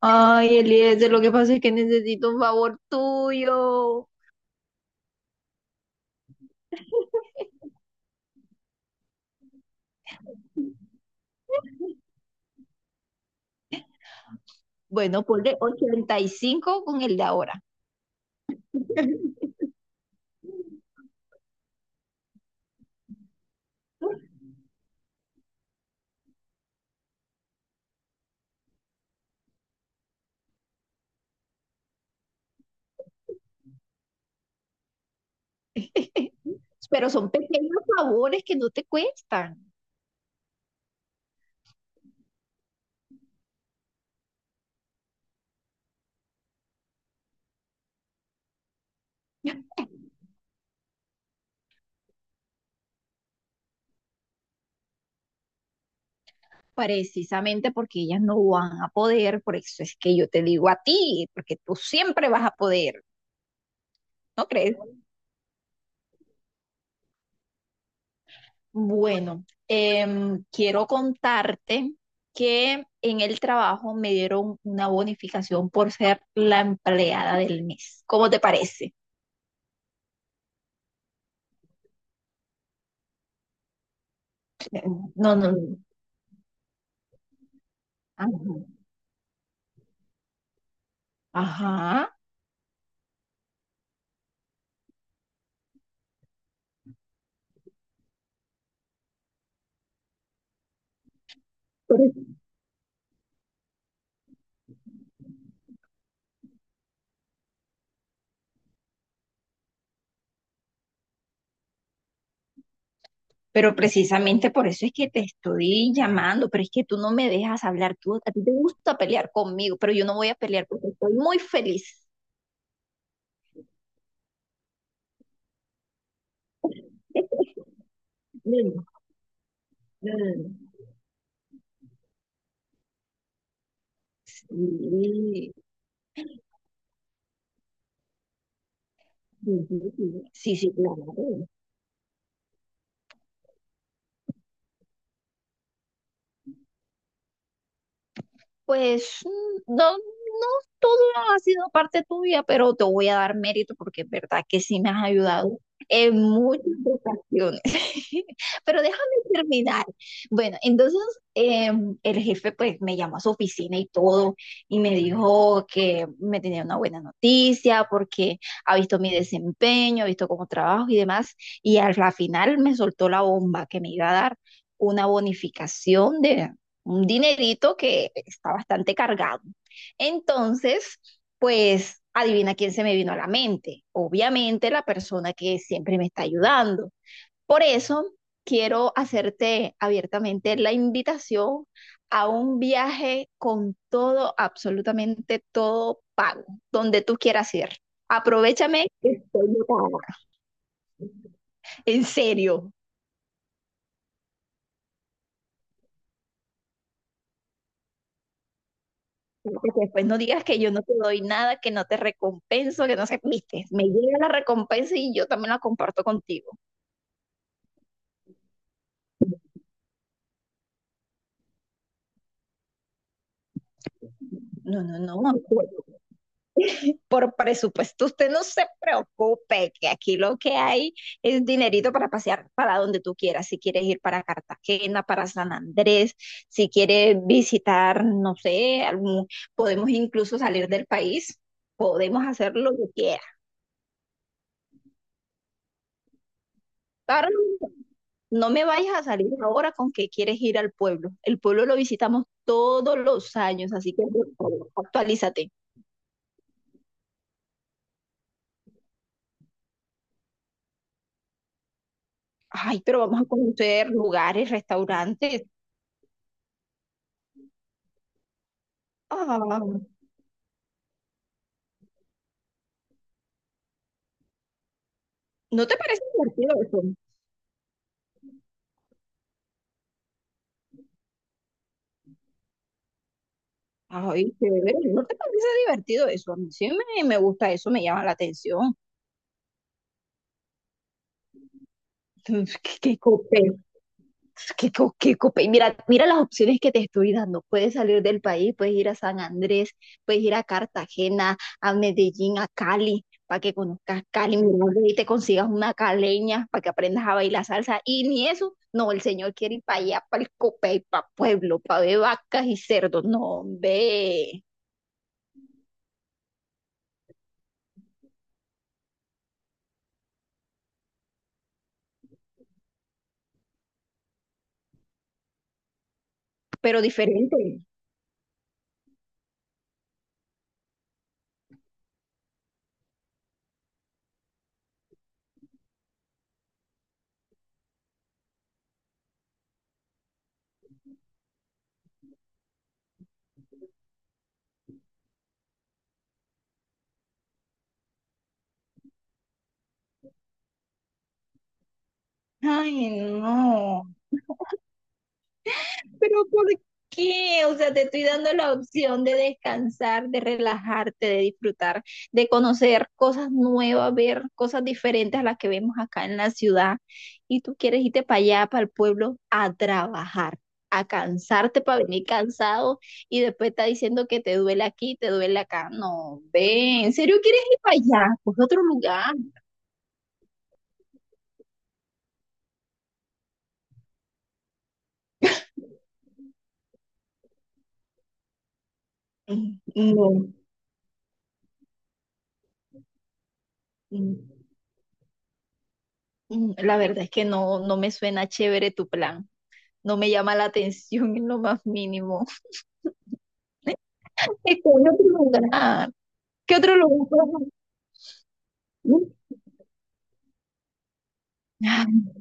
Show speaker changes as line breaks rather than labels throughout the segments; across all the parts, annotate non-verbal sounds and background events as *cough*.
Ay, Eliezer, lo que pasa es que necesito un favor tuyo. Bueno, ponle 85 con el de ahora. *laughs* Pero son pequeños favores que no te cuestan. Precisamente porque ellas no van a poder, por eso es que yo te digo a ti, porque tú siempre vas a poder, ¿no crees? Bueno, quiero contarte que en el trabajo me dieron una bonificación por ser la empleada del mes. ¿Cómo te parece? No, no, no. Ajá. Ajá. Pero pero precisamente por eso es que te estoy llamando, pero es que tú no me dejas hablar, tú, a ti te gusta pelear conmigo, pero yo no voy a pelear porque estoy muy feliz. *laughs* No, no, no, no. Sí, sí, sí, sí, sí, claro. Pues mm, no, no todo ha sido parte tuya, pero te voy a dar mérito porque es verdad que sí me has ayudado en muchas ocasiones. *laughs* Pero déjame terminar. Bueno, entonces eh, el jefe pues me llamó a su oficina y todo, y me dijo que me tenía una buena noticia porque ha visto mi desempeño, ha visto cómo trabajo y demás. Y al la final me soltó la bomba que me iba a dar una bonificación de un dinerito que está bastante cargado. Entonces, pues adivina quién se me vino a la mente. Obviamente la persona que siempre me está ayudando. Por eso quiero hacerte abiertamente la invitación a un viaje con todo, absolutamente todo pago, donde tú quieras ir. Aprovechame que estoy ocupada. En serio. Porque después no digas que yo no te doy nada, que no te recompenso, que no sé, viste, me llega la recompensa y yo también la comparto contigo. No, no, no, por presupuesto usted no se preocupe, que aquí lo que hay es dinerito para pasear para donde tú quieras. Si quieres ir para Cartagena, para San Andrés, si quieres visitar, no sé, algún, podemos incluso salir del país, podemos hacer lo que quieras. Carlos, no me vayas a salir ahora con que quieres ir al pueblo. El pueblo lo visitamos todos los años, así que por favor, actualízate. Ay, pero vamos a conocer lugares, restaurantes. Ah, ¿no te parece divertido eso? Ay, chévere, ¿no te parece divertido eso? A mí sí me gusta eso, me llama la atención. *laughs* Qué, qué Qué, co- qué cope- Mira, mira las opciones que te estoy dando. Puedes salir del país, puedes ir a San Andrés, puedes ir a Cartagena, a Medellín, a Cali, para que conozcas Cali, mira y te consigas una caleña para que aprendas a bailar salsa. Y ni eso, no, el señor quiere ir para allá, para el Copey, para Pueblo, para ver vacas y cerdos. No, ve, pero diferente. Ay, no. Pero ¿por qué? O sea, te estoy dando la opción de descansar, de relajarte, de disfrutar, de conocer cosas nuevas, ver cosas diferentes a las que vemos acá en la ciudad. Y tú quieres irte para allá, para el pueblo, a trabajar, a cansarte para venir cansado y después está diciendo que te duele aquí, te duele acá. No, ve, ¿en serio quieres ir para allá? Pues otro lugar. Mm, no. mm, La verdad es que no, no me suena chévere tu plan. No me llama la atención en lo más mínimo. *laughs* Es como otro lugar. ¿Qué otro lugar? *laughs*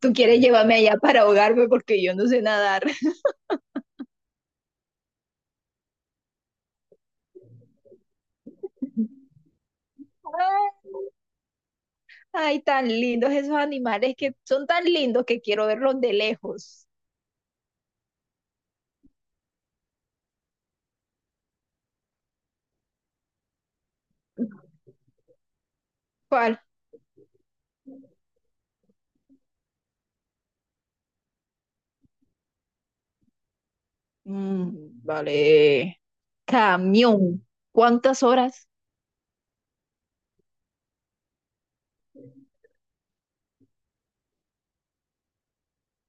Tú quieres llevarme allá para ahogarme porque yo no sé nadar. *laughs* Ay, tan lindos esos animales, que son tan lindos que quiero verlos de lejos. ¿Cuál? Mm, vale. Camión. ¿Cuántas horas?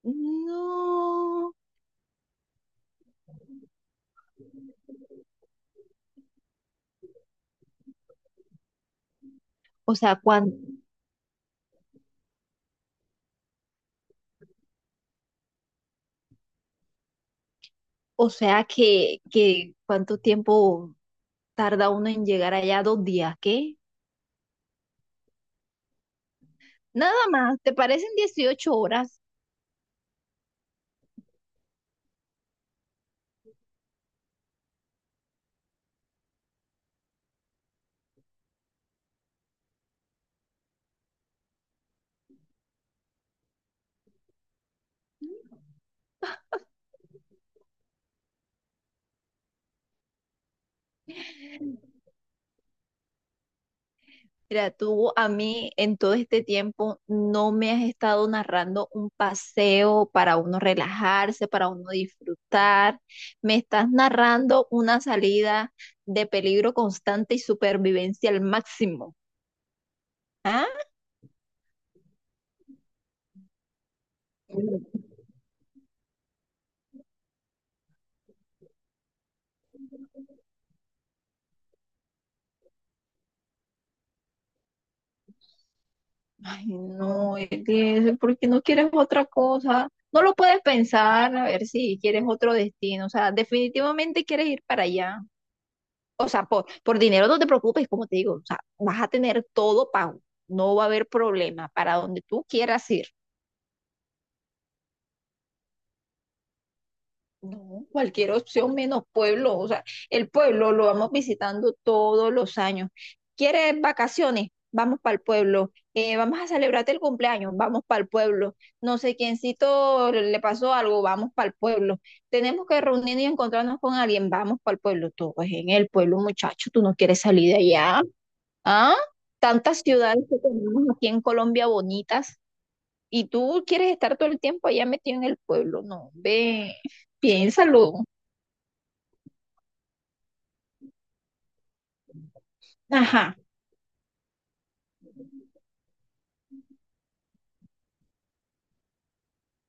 No. O sea, ¿cuán- o sea que ¿cuánto tiempo tarda uno en llegar allá? Dos días, ¿qué? Nada más, ¿te parecen 18 horas? Mira, tú a mí en todo este tiempo no me has estado narrando un paseo para uno relajarse, para uno disfrutar. Me estás narrando una salida de peligro constante y supervivencia al máximo. ¿Ah? Ay, no, Eliezer, ¿por qué no quieres otra cosa? No lo puedes pensar, a ver si quieres otro destino. O sea, definitivamente quieres ir para allá. O sea, por dinero no te preocupes, como te digo, o sea, vas a tener todo pago, no va a haber problema para donde tú quieras ir. No, cualquier opción menos pueblo, o sea, el pueblo lo vamos visitando todos los años. ¿Quieres vacaciones? Vamos para el pueblo. Vamos a celebrarte el cumpleaños, vamos para el pueblo. No sé quiéncito le pasó algo, vamos para el pueblo. Tenemos que reunirnos y encontrarnos con alguien, vamos para el pueblo. Todo es en el pueblo, muchacho, tú no quieres salir de allá. Ah, tantas ciudades que tenemos aquí en Colombia bonitas y tú quieres estar todo el tiempo allá metido en el pueblo. No, ve, piénsalo. Ajá,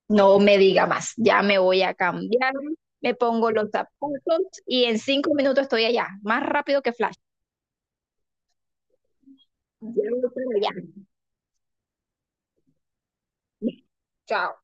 no me diga más. Ya me voy a cambiar, me pongo los zapatos y en 5 minutos estoy allá, más rápido que flash. Ya voy para allá. Chao.